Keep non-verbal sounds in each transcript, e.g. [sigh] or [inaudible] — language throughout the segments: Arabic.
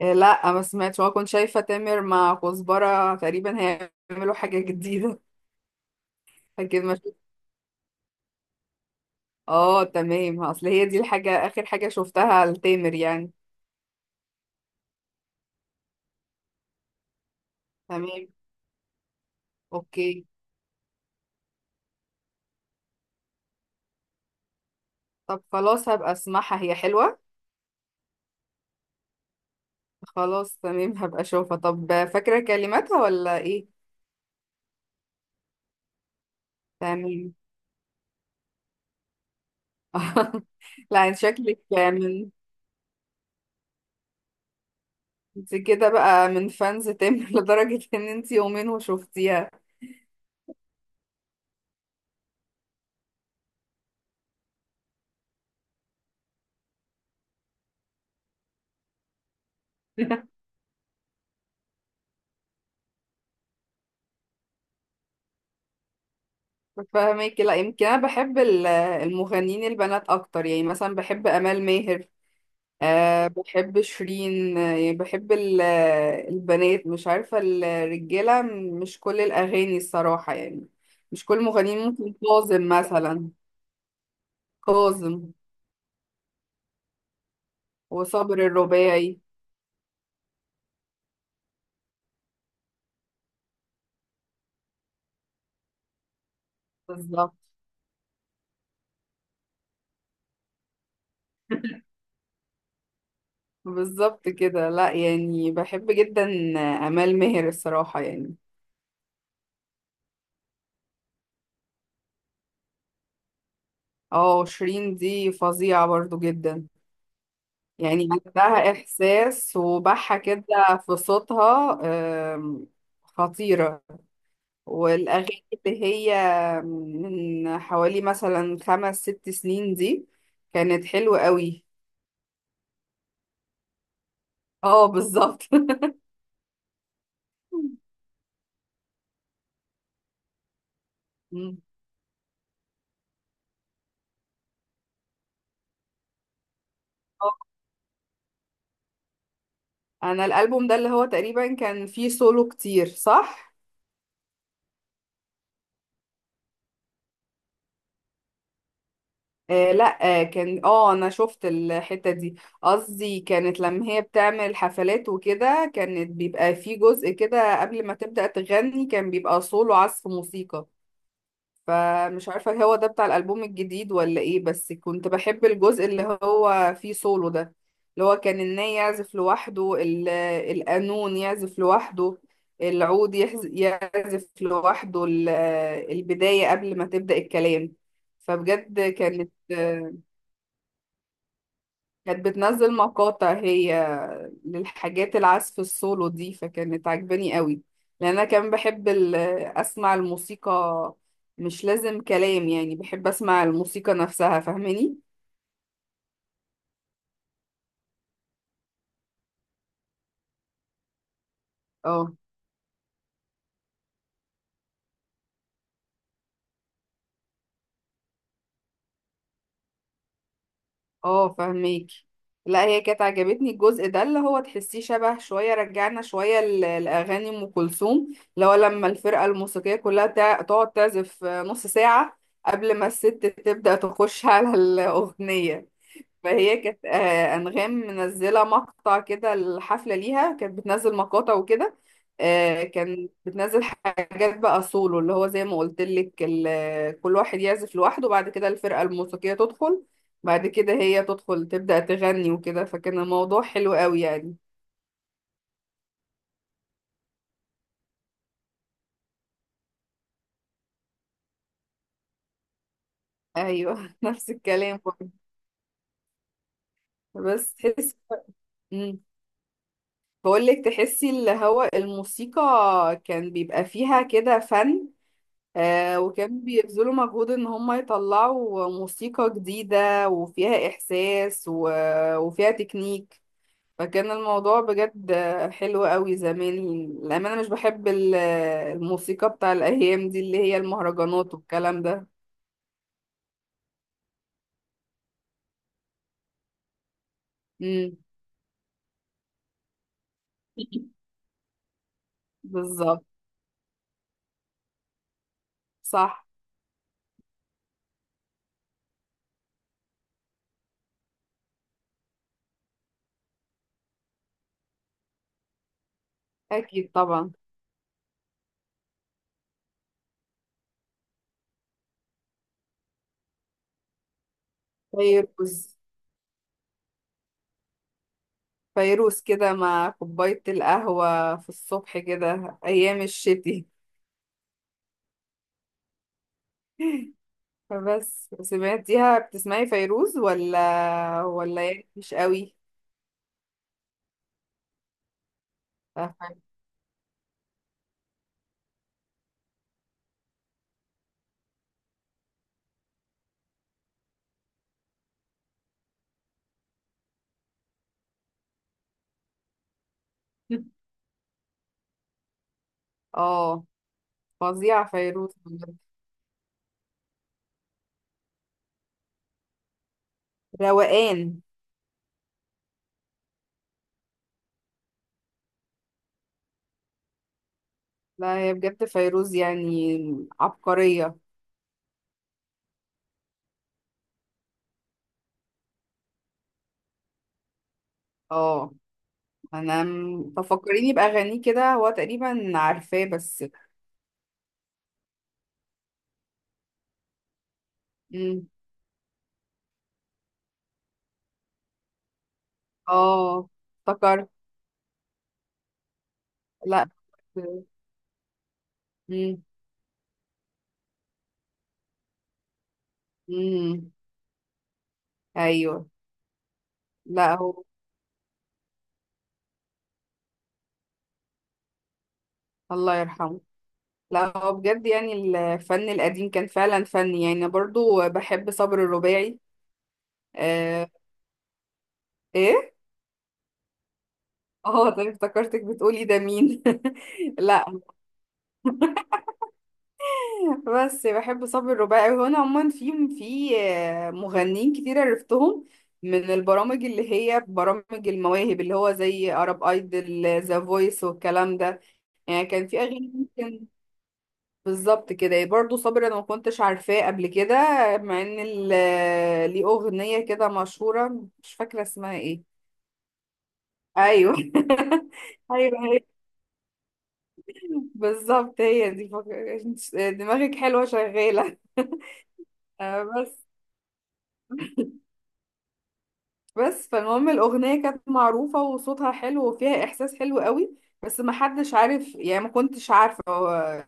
إيه، لا ما سمعتش وانا كنت شايفه تامر مع كزبره تقريبا هيعملوا حاجه جديده. [laughs] لكن ما شفت. اه تمام، اصل هي دي الحاجه، اخر حاجه شفتها لتامر يعني. تمام. اوكي. طب خلاص هبقى اسمعها، هي حلوه؟ خلاص تمام، هبقى اشوفها. طب فاكره كلماتها ولا ايه؟ تمام. [laughs] لا انت شكلك من، انت كده بقى من فانز تامر [laughs] لدرجه ان انت يومين وشفتيها. [laughs] فاهمك. لا، يمكن انا بحب المغنيين البنات اكتر، يعني مثلا بحب امال ماهر. أه بحب شيرين، يعني بحب البنات، مش عارفه الرجاله. مش كل الاغاني الصراحه يعني، مش كل المغنيين. ممكن كاظم مثلا. كاظم وصابر الرباعي. بالظبط. بالظبط كده. لا يعني بحب جدا امال ماهر الصراحه يعني. اه شيرين دي فظيعه برضو جدا، يعني عندها إحساس وبحة كده في صوتها. آم، خطيرة. والأغاني اللي هي من حوالي مثلا خمس ست سنين دي كانت حلوة قوي. اه بالظبط. [laughs] مم. أنا الألبوم ده اللي هو تقريبا كان فيه سولو كتير، صح؟ آه لا آه، كان انا شفت الحتة دي. قصدي كانت لما هي بتعمل حفلات وكده، كانت بيبقى في جزء كده قبل ما تبدأ تغني، كان بيبقى سولو عزف موسيقى. فمش عارفة هو ده بتاع الألبوم الجديد ولا ايه، بس كنت بحب الجزء اللي هو فيه سولو ده. اللي هو كان الناي يعزف لوحده، القانون يعزف لوحده، العود يعزف لوحده، البداية قبل ما تبدأ الكلام. فبجد كانت بتنزل مقاطع هي للحاجات، العزف السولو دي، فكانت عجباني قوي. لان انا كمان بحب اسمع الموسيقى، مش لازم كلام يعني، بحب اسمع الموسيقى نفسها، فاهماني؟ اه اه فاهميك. لا هي كانت عجبتني الجزء ده، اللي هو تحسيه شبه شوية، رجعنا شوية لأغاني أم كلثوم، اللي هو لما الفرقة الموسيقية كلها تقعد تعزف نص ساعة قبل ما الست تبدأ تخش على الأغنية. فهي كانت، أنغام، منزلة مقطع كده الحفلة ليها، كانت بتنزل مقاطع وكده. كان بتنزل حاجات بقى سولو، اللي هو زي ما قلت لك، كل واحد يعزف لوحده، بعد كده الفرقة الموسيقية تدخل، بعد كده هي تدخل تبدأ تغني وكده. فكان الموضوع حلو قوي يعني. ايوه. [laughs] نفس الكلام برضه. بس تحس، بقول لك تحسي اللي هو الموسيقى كان بيبقى فيها كده فن، آه، وكانوا بيبذلوا مجهود ان هم يطلعوا موسيقى جديدة وفيها احساس وفيها تكنيك. فكان الموضوع بجد حلو قوي زمان، للأمانة. مش بحب الموسيقى بتاع الايام دي اللي هي المهرجانات والكلام ده. امم. بالظبط. صح. اكيد طبعا. فيروز. فيروز كده مع كوباية القهوة في الصبح كده ايام الشتي. [laughs] بس سمعتيها؟ بتسمعي فيروز ولا يعني مش قوي؟ [laughs] اه، آه، فظيعة فيروز بجد. روقان. لا هي بجد فيروز يعني عبقرية. اه انا تفكريني بأغانيه كده، هو تقريبا عارفاه بس. مم. اه افتكرت. لا. مم. مم. ايوه. لا هو الله يرحمه. لا هو بجد يعني الفن القديم كان فعلا فن. يعني أنا برضو بحب صبر الرباعي. آه. ايه. اه طيب، افتكرتك بتقولي ده مين. [laughs] لا بس بحب صبر الرباعي، وانا عموما في مغنيين كتير عرفتهم من البرامج، اللي هي برامج المواهب، اللي هو زي عرب ايدل، ذا فويس والكلام ده. يعني كان في اغاني ممكن، بالظبط كده، برضو صابر انا ما كنتش عارفاه قبل كده. مع ان ليه اغنيه كده مشهوره، مش فاكره اسمها ايه. ايوه. [laughs] ايوه هي، بالظبط هي دي دماغك حلوه شغاله. [laughs] آه، بس بس فالمهم الأغنية كانت معروفة وصوتها حلو وفيها إحساس حلو قوي، بس ما حدش عارف يعني، ما كنتش عارفة هو,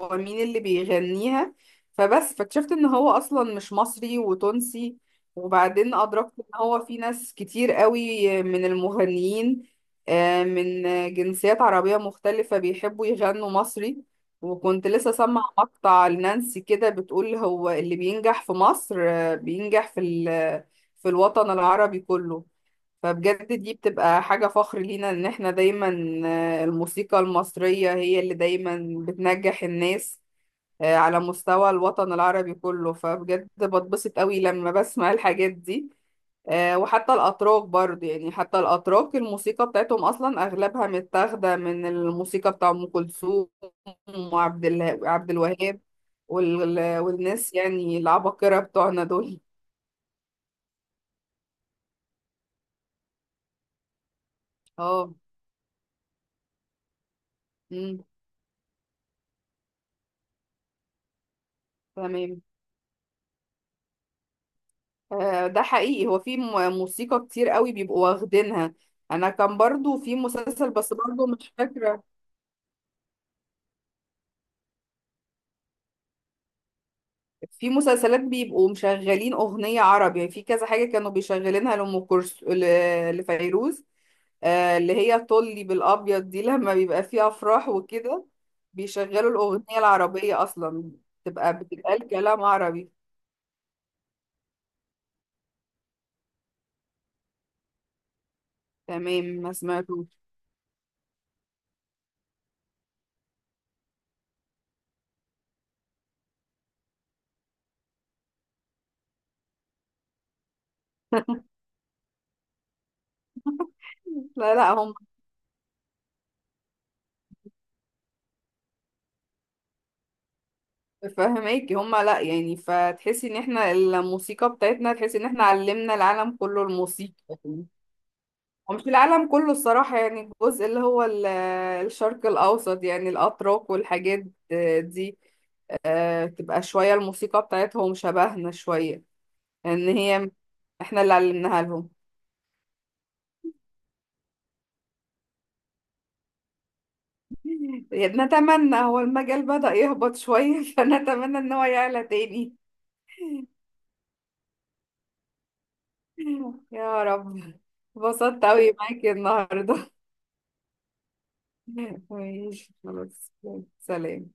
هو مين اللي بيغنيها. فبس فاكتشفت إن هو أصلا مش مصري، وتونسي. وبعدين أدركت إن هو في ناس كتير قوي من المغنيين، من جنسيات عربية مختلفة بيحبوا يغنوا مصري. وكنت لسه سامعة مقطع لنانسي كده، بتقول هو اللي بينجح في مصر، بينجح في الوطن العربي كله. فبجد دي بتبقى حاجة فخر لينا ان احنا دايما، الموسيقى المصرية هي اللي دايما بتنجح الناس، على مستوى الوطن العربي كله. فبجد بتبسط قوي لما بسمع الحاجات دي. وحتى الأتراك برضه، يعني حتى الأتراك، الموسيقى بتاعتهم أصلا أغلبها متاخدة من الموسيقى بتاع أم كلثوم وعبد عبد الوهاب والناس يعني، العباقرة بتوعنا دول. اه تمام. ده حقيقي، هو في موسيقى كتير قوي بيبقوا واخدينها. انا كان برضو في مسلسل، بس برضو مش فاكرة. في مسلسلات بيبقوا مشغلين اغنية عربي، يعني في كذا حاجة كانوا بيشغلينها لأم كلثوم، لفيروز. اللي هي طلي بالابيض دي، لما بيبقى فيه افراح وكده بيشغلوا الاغنية العربية اصلا، تبقى بتبقى الكلام عربي. تمام ما سمعتوش. [laughs] لا لا. فهماكي هما، لا يعني فتحسي ان احنا الموسيقى بتاعتنا، تحسي ان احنا علمنا العالم كله الموسيقى. ومش العالم كله الصراحة يعني، الجزء اللي هو الشرق الأوسط، يعني الأتراك والحاجات دي، تبقى شوية الموسيقى بتاعتهم شبهنا شوية، ان هي احنا اللي علمناها لهم. [laughs] نتمنى، هو المجال بدأ يهبط شوية [laughs] فنتمنى ان هو يعلى تاني. [laughs] يا رب. اتبسطت اوي معاكي النهاردة. [laughs] كويس خلاص. سلام.